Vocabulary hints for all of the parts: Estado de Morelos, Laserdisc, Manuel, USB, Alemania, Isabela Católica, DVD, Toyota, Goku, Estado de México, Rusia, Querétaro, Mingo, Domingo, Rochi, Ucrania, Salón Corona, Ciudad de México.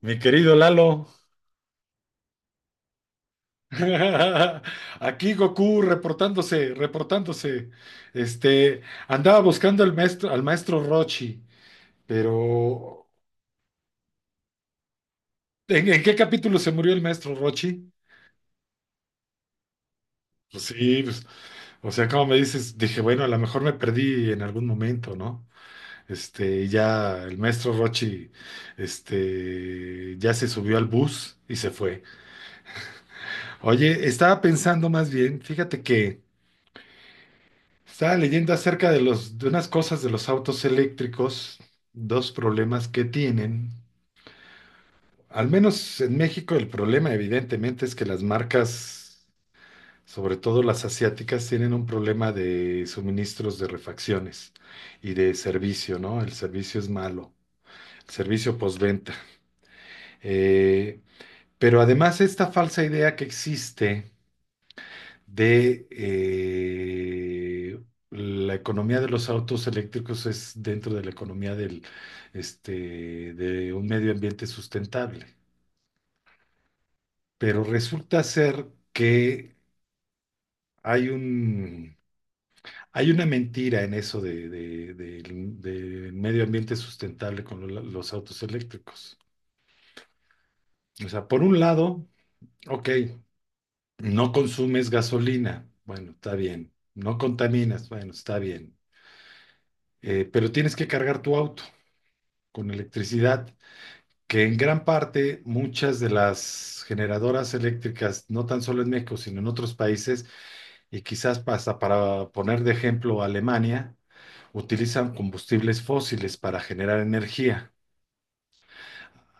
Mi querido Lalo, aquí Goku reportándose, reportándose. Andaba buscando al maestro Rochi, pero ¿en qué capítulo se murió el maestro Rochi? Pues sí, pues, o sea, como me dices, dije, bueno, a lo mejor me perdí en algún momento, ¿no? Y ya el maestro Rochi, ya se subió al bus y se fue. Oye, estaba pensando más bien, fíjate que estaba leyendo acerca de de unas cosas de los autos eléctricos, dos problemas que tienen. Al menos en México el problema evidentemente es que las marcas, sobre todo las asiáticas, tienen un problema de suministros de refacciones y de servicio, ¿no? El servicio es malo, el servicio postventa. Eh, pero además esta falsa idea que existe de la economía de los autos eléctricos es dentro de la economía de un medio ambiente sustentable. Pero resulta ser que hay un, hay una mentira en eso del del medio ambiente sustentable con los autos eléctricos. O sea, por un lado, ok, no consumes gasolina, bueno, está bien. No contaminas, bueno, está bien. Pero tienes que cargar tu auto con electricidad, que en gran parte muchas de las generadoras eléctricas, no tan solo en México, sino en otros países, y quizás hasta para poner de ejemplo Alemania, utilizan combustibles fósiles para generar energía.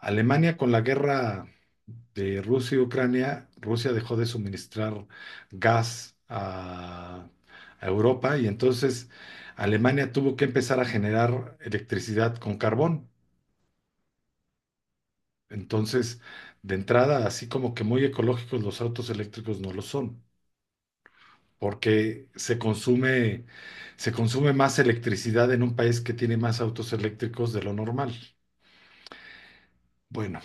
Alemania con la guerra de Rusia y Ucrania, Rusia dejó de suministrar gas a Europa y entonces Alemania tuvo que empezar a generar electricidad con carbón. Entonces, de entrada, así como que muy ecológicos los autos eléctricos no lo son, porque se consume más electricidad en un país que tiene más autos eléctricos de lo normal. Bueno,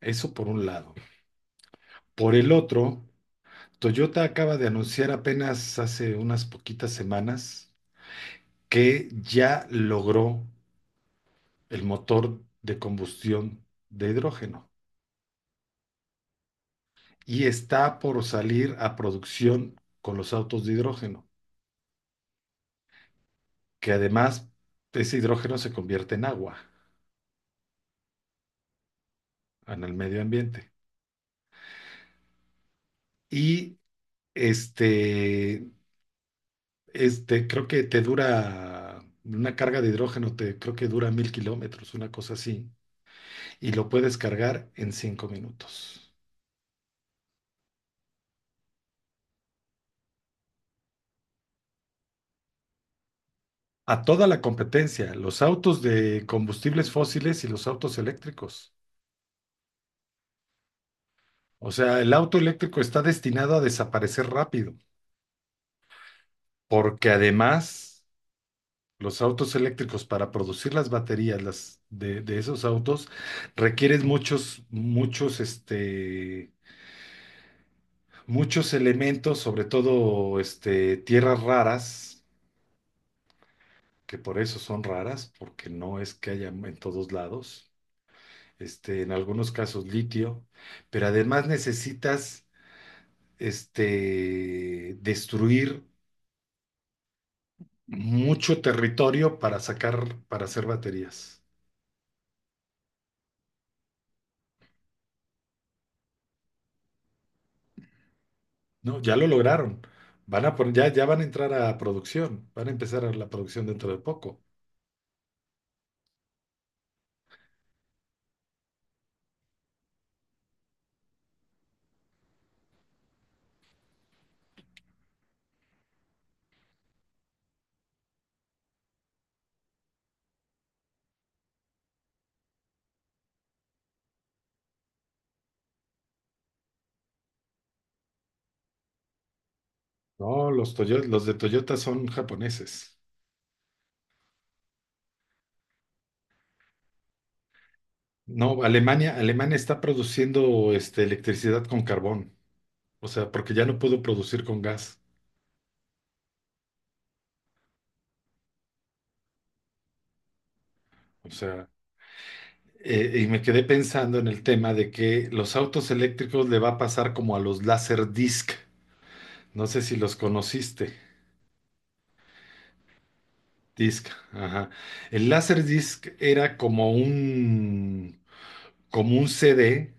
eso por un lado. Por el otro, Toyota acaba de anunciar apenas hace unas poquitas semanas que ya logró el motor de combustión de hidrógeno y está por salir a producción con los autos de hidrógeno, que además ese hidrógeno se convierte en agua, en el medio ambiente. Y este, creo que te dura una carga de hidrógeno, creo que dura 1000 km, una cosa así, y lo puedes cargar en 5 minutos. A toda la competencia, los autos de combustibles fósiles y los autos eléctricos. O sea, el auto eléctrico está destinado a desaparecer rápido, porque además los autos eléctricos para producir las baterías de esos autos requieren muchos elementos, sobre todo tierras raras, que por eso son raras, porque no es que haya en todos lados, en algunos casos litio, pero además necesitas destruir mucho territorio para sacar, para hacer baterías. No, ya lo lograron. Van a poner, ya, ya van a entrar a producción. Van a empezar a la producción dentro de poco. No, los los de Toyota son japoneses. No, Alemania, Alemania está produciendo electricidad con carbón. O sea, porque ya no pudo producir con gas. O sea, y me quedé pensando en el tema de que los autos eléctricos le va a pasar como a los Laserdisc. No sé si los conociste. Disc, ajá. El Laserdisc era como un CD,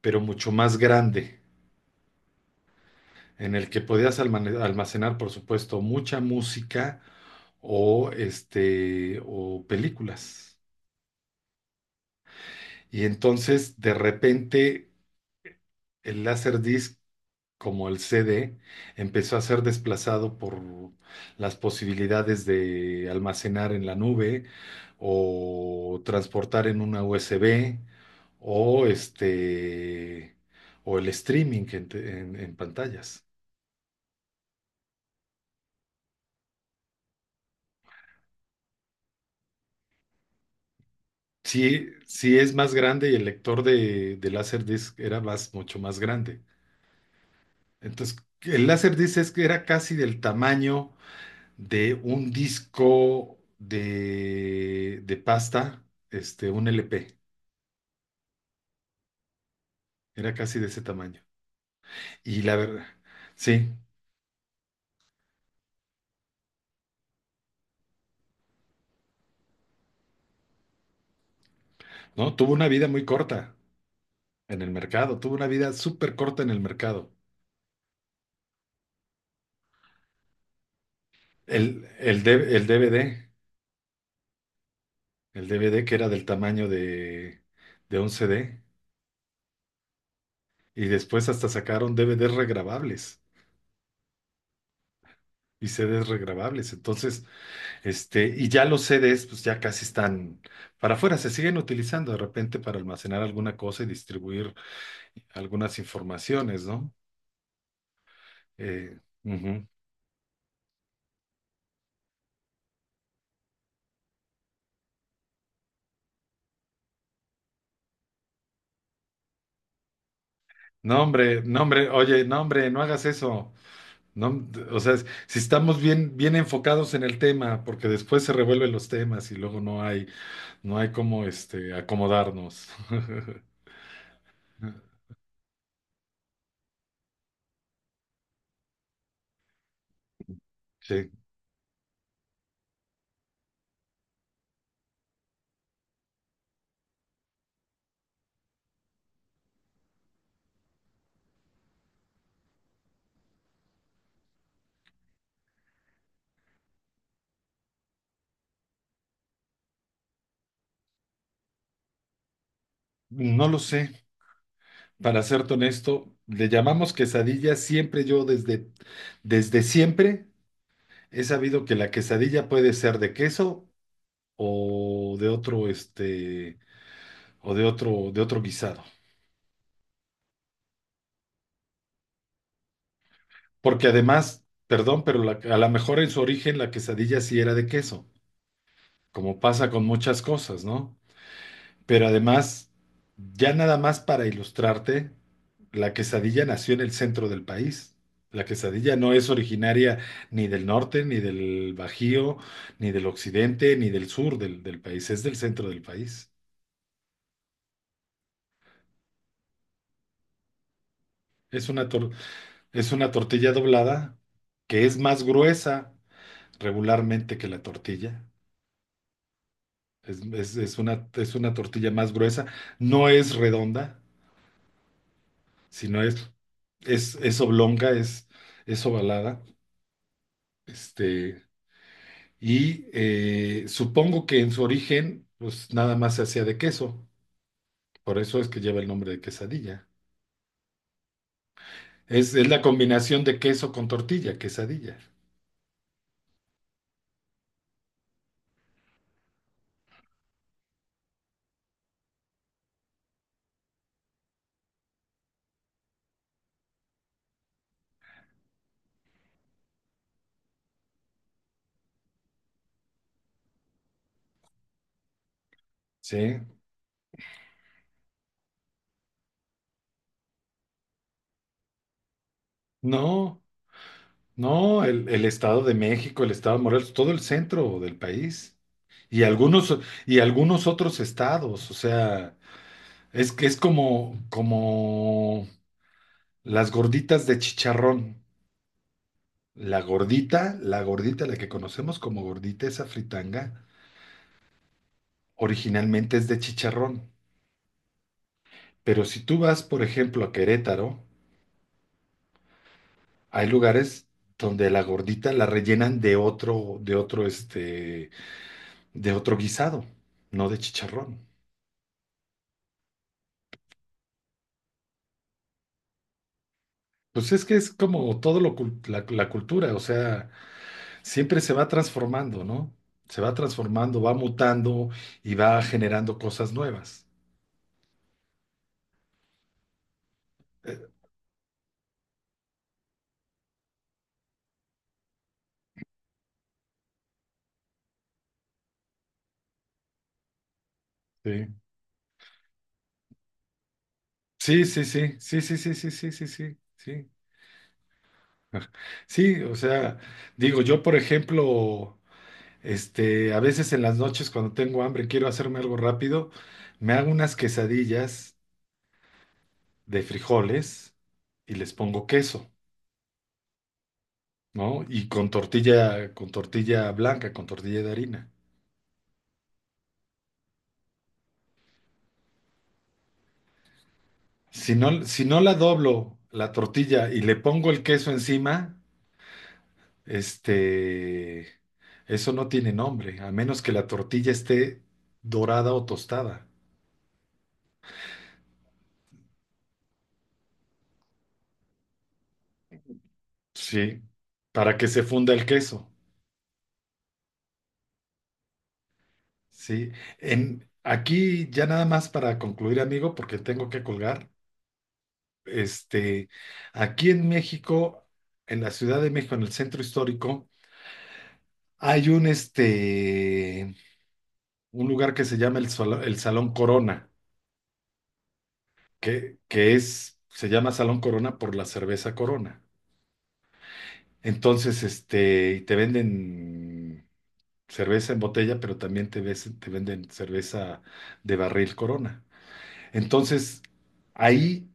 pero mucho más grande, en el que podías almacenar, por supuesto, mucha música o, o películas. Y entonces, de repente, el Laserdisc, como el CD, empezó a ser desplazado por las posibilidades de almacenar en la nube o transportar en una USB o este o el streaming en en pantallas. Sí, sí es más grande y el lector de Laserdisc era más, mucho más grande. Entonces, el Laserdisc es que era casi del tamaño de un disco de pasta, un LP. Era casi de ese tamaño. Y la verdad, sí, ¿no? Tuvo una vida muy corta en el mercado, tuvo una vida súper corta en el mercado. El DVD, el DVD que era del tamaño de un CD. Y después hasta sacaron DVDs regrabables y CDs regrabables. Entonces, y ya los CDs, pues ya casi están para afuera, se siguen utilizando de repente para almacenar alguna cosa y distribuir algunas informaciones, ¿no? Eh, ujú. No, hombre, no, hombre, oye, no, hombre, no hagas eso. No, o sea, si estamos bien, bien enfocados en el tema, porque después se revuelven los temas y luego no hay cómo, acomodarnos. Sí. No lo sé. Para serte honesto, le llamamos quesadilla. Siempre yo desde siempre he sabido que la quesadilla puede ser de queso o de otro, de otro guisado. Porque además, perdón, pero a lo mejor en su origen la quesadilla sí era de queso, como pasa con muchas cosas, ¿no? Pero además, ya nada más para ilustrarte. La quesadilla nació en el centro del país. La quesadilla no es originaria ni del norte, ni del Bajío, ni del occidente, ni del sur del país. Es del centro del país. Es una, tor- es una tortilla doblada que es más gruesa regularmente que la tortilla. Es una tortilla más gruesa. No es redonda, sino es oblonga, es ovalada. Este, Y supongo que en su origen, pues nada más se hacía de queso. Por eso es que lleva el nombre de quesadilla. Es la combinación de queso con tortilla, quesadilla. Sí. No, no, el Estado de México, el Estado de Morelos, todo el centro del país. Y algunos, y algunos otros estados. O sea, es que es como las gorditas de chicharrón. La que conocemos como gordita, esa fritanga, originalmente es de chicharrón, pero si tú vas, por ejemplo, a Querétaro, hay lugares donde la gordita la rellenan de otro, de otro guisado, no de chicharrón. Pues es que es como todo la cultura, o sea, siempre se va transformando, ¿no? Se va transformando, va mutando y va generando cosas nuevas. Eh, Sí, sí, sí, sí, sí, sí, sí, sí, sí, sí, sí. Sí, sí, o sea, digo, yo por ejemplo, a veces en las noches cuando tengo hambre, quiero hacerme algo rápido, me hago unas quesadillas de frijoles y les pongo queso, ¿no? Y con tortilla blanca, con tortilla de harina. Si no, si no la doblo la tortilla y le pongo el queso encima, este, eso no tiene nombre, a menos que la tortilla esté dorada o tostada. Sí, para que se funda el queso. Sí, aquí ya nada más para concluir, amigo, porque tengo que colgar. Este, aquí en México, en la Ciudad de México, en el centro histórico, hay un, un lugar que se llama el Salón Corona, que es, se llama Salón Corona por la cerveza Corona. Entonces, te venden cerveza en botella, pero también te venden cerveza de barril Corona. Entonces, ahí,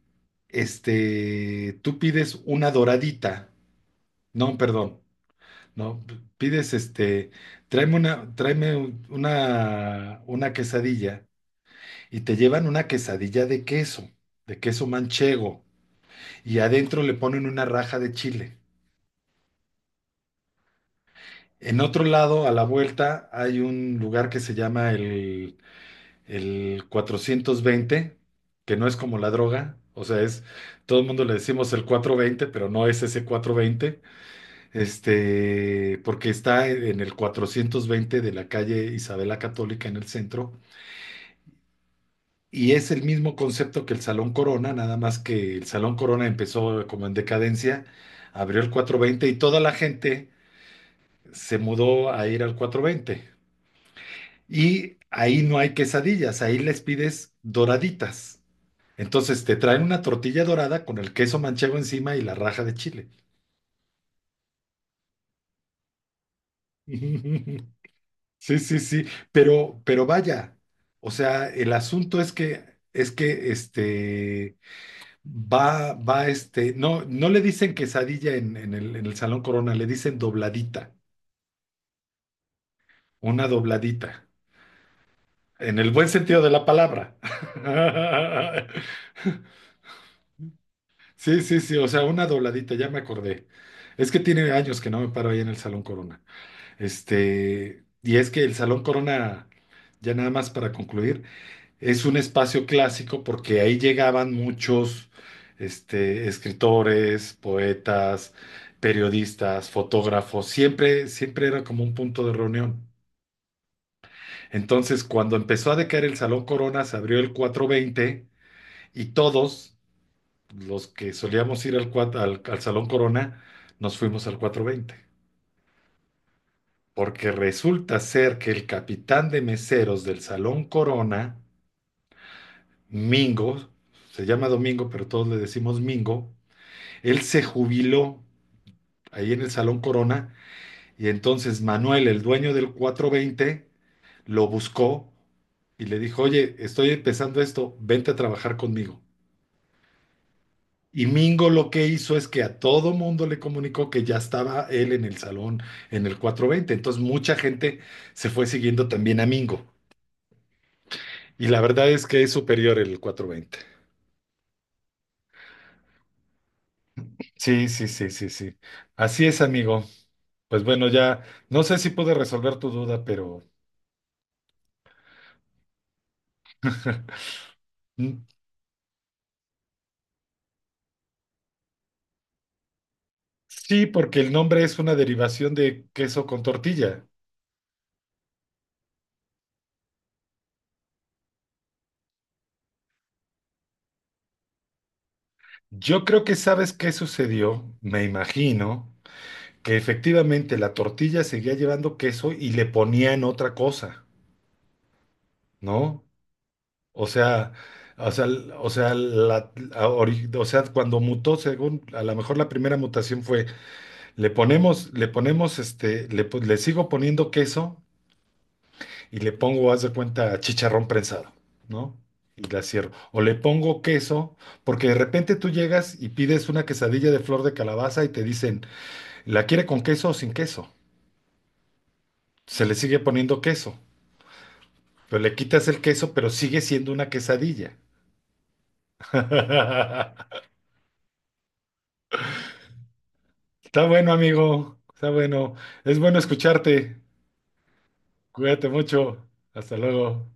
tú pides una doradita, no, perdón, no, p- pides, tráeme una, una quesadilla y te llevan una quesadilla de queso manchego, y adentro le ponen una raja de chile. En otro lado, a la vuelta, hay un lugar que se llama el 420, que no es como la droga, o sea, es, todo el mundo le decimos el 420 pero no es ese 420, porque está en el 420 de la calle Isabela Católica en el centro, y es el mismo concepto que el Salón Corona, nada más que el Salón Corona empezó como en decadencia, abrió el 420 y toda la gente se mudó a ir al 420. Y ahí no hay quesadillas, ahí les pides doraditas. Entonces te traen una tortilla dorada con el queso manchego encima y la raja de chile. Sí, sí, sí, pero vaya, o sea, el asunto es que, este, va, va, este, no, no le dicen quesadilla en el Salón Corona, le dicen dobladita, una dobladita, en el buen sentido de la palabra. Sí, sí, sí, o sea, una dobladita, ya me acordé. Es que tiene años que no me paro ahí en el Salón Corona. Y es que el Salón Corona, ya nada más para concluir, es un espacio clásico porque ahí llegaban muchos, escritores, poetas, periodistas, fotógrafos, siempre, siempre era como un punto de reunión. Entonces, cuando empezó a decaer el Salón Corona, se abrió el 420 y todos los que solíamos ir al Salón Corona, nos fuimos al 420, porque resulta ser que el capitán de meseros del Salón Corona, Mingo, se llama Domingo, pero todos le decimos Mingo, él se jubiló ahí en el Salón Corona y entonces Manuel, el dueño del 420, lo buscó y le dijo, oye, estoy empezando esto, vente a trabajar conmigo. Y Mingo lo que hizo es que a todo mundo le comunicó que ya estaba él en el salón en el 420. Entonces mucha gente se fue siguiendo también a Mingo. Y la verdad es que es superior el 420. Sí, sí, sí, sí, sí. Así es, amigo. Pues bueno, ya no sé si pude resolver tu duda, pero mm, sí, porque el nombre es una derivación de queso con tortilla. Yo creo que sabes qué sucedió, me imagino, que efectivamente la tortilla seguía llevando queso y le ponían otra cosa, ¿no? O sea, o sea, l- o sea, la, o sea, cuando mutó, según, a lo mejor la primera mutación fue, le ponemos, le sigo poniendo queso y le pongo, haz de cuenta, chicharrón prensado, ¿no? Y la cierro. O le pongo queso, porque de repente tú llegas y pides una quesadilla de flor de calabaza y te dicen, ¿la quiere con queso o sin queso? Se le sigue poniendo queso. Pero le quitas el queso, pero sigue siendo una quesadilla. Está bueno, amigo. Está bueno. Es bueno escucharte. Cuídate mucho. Hasta luego.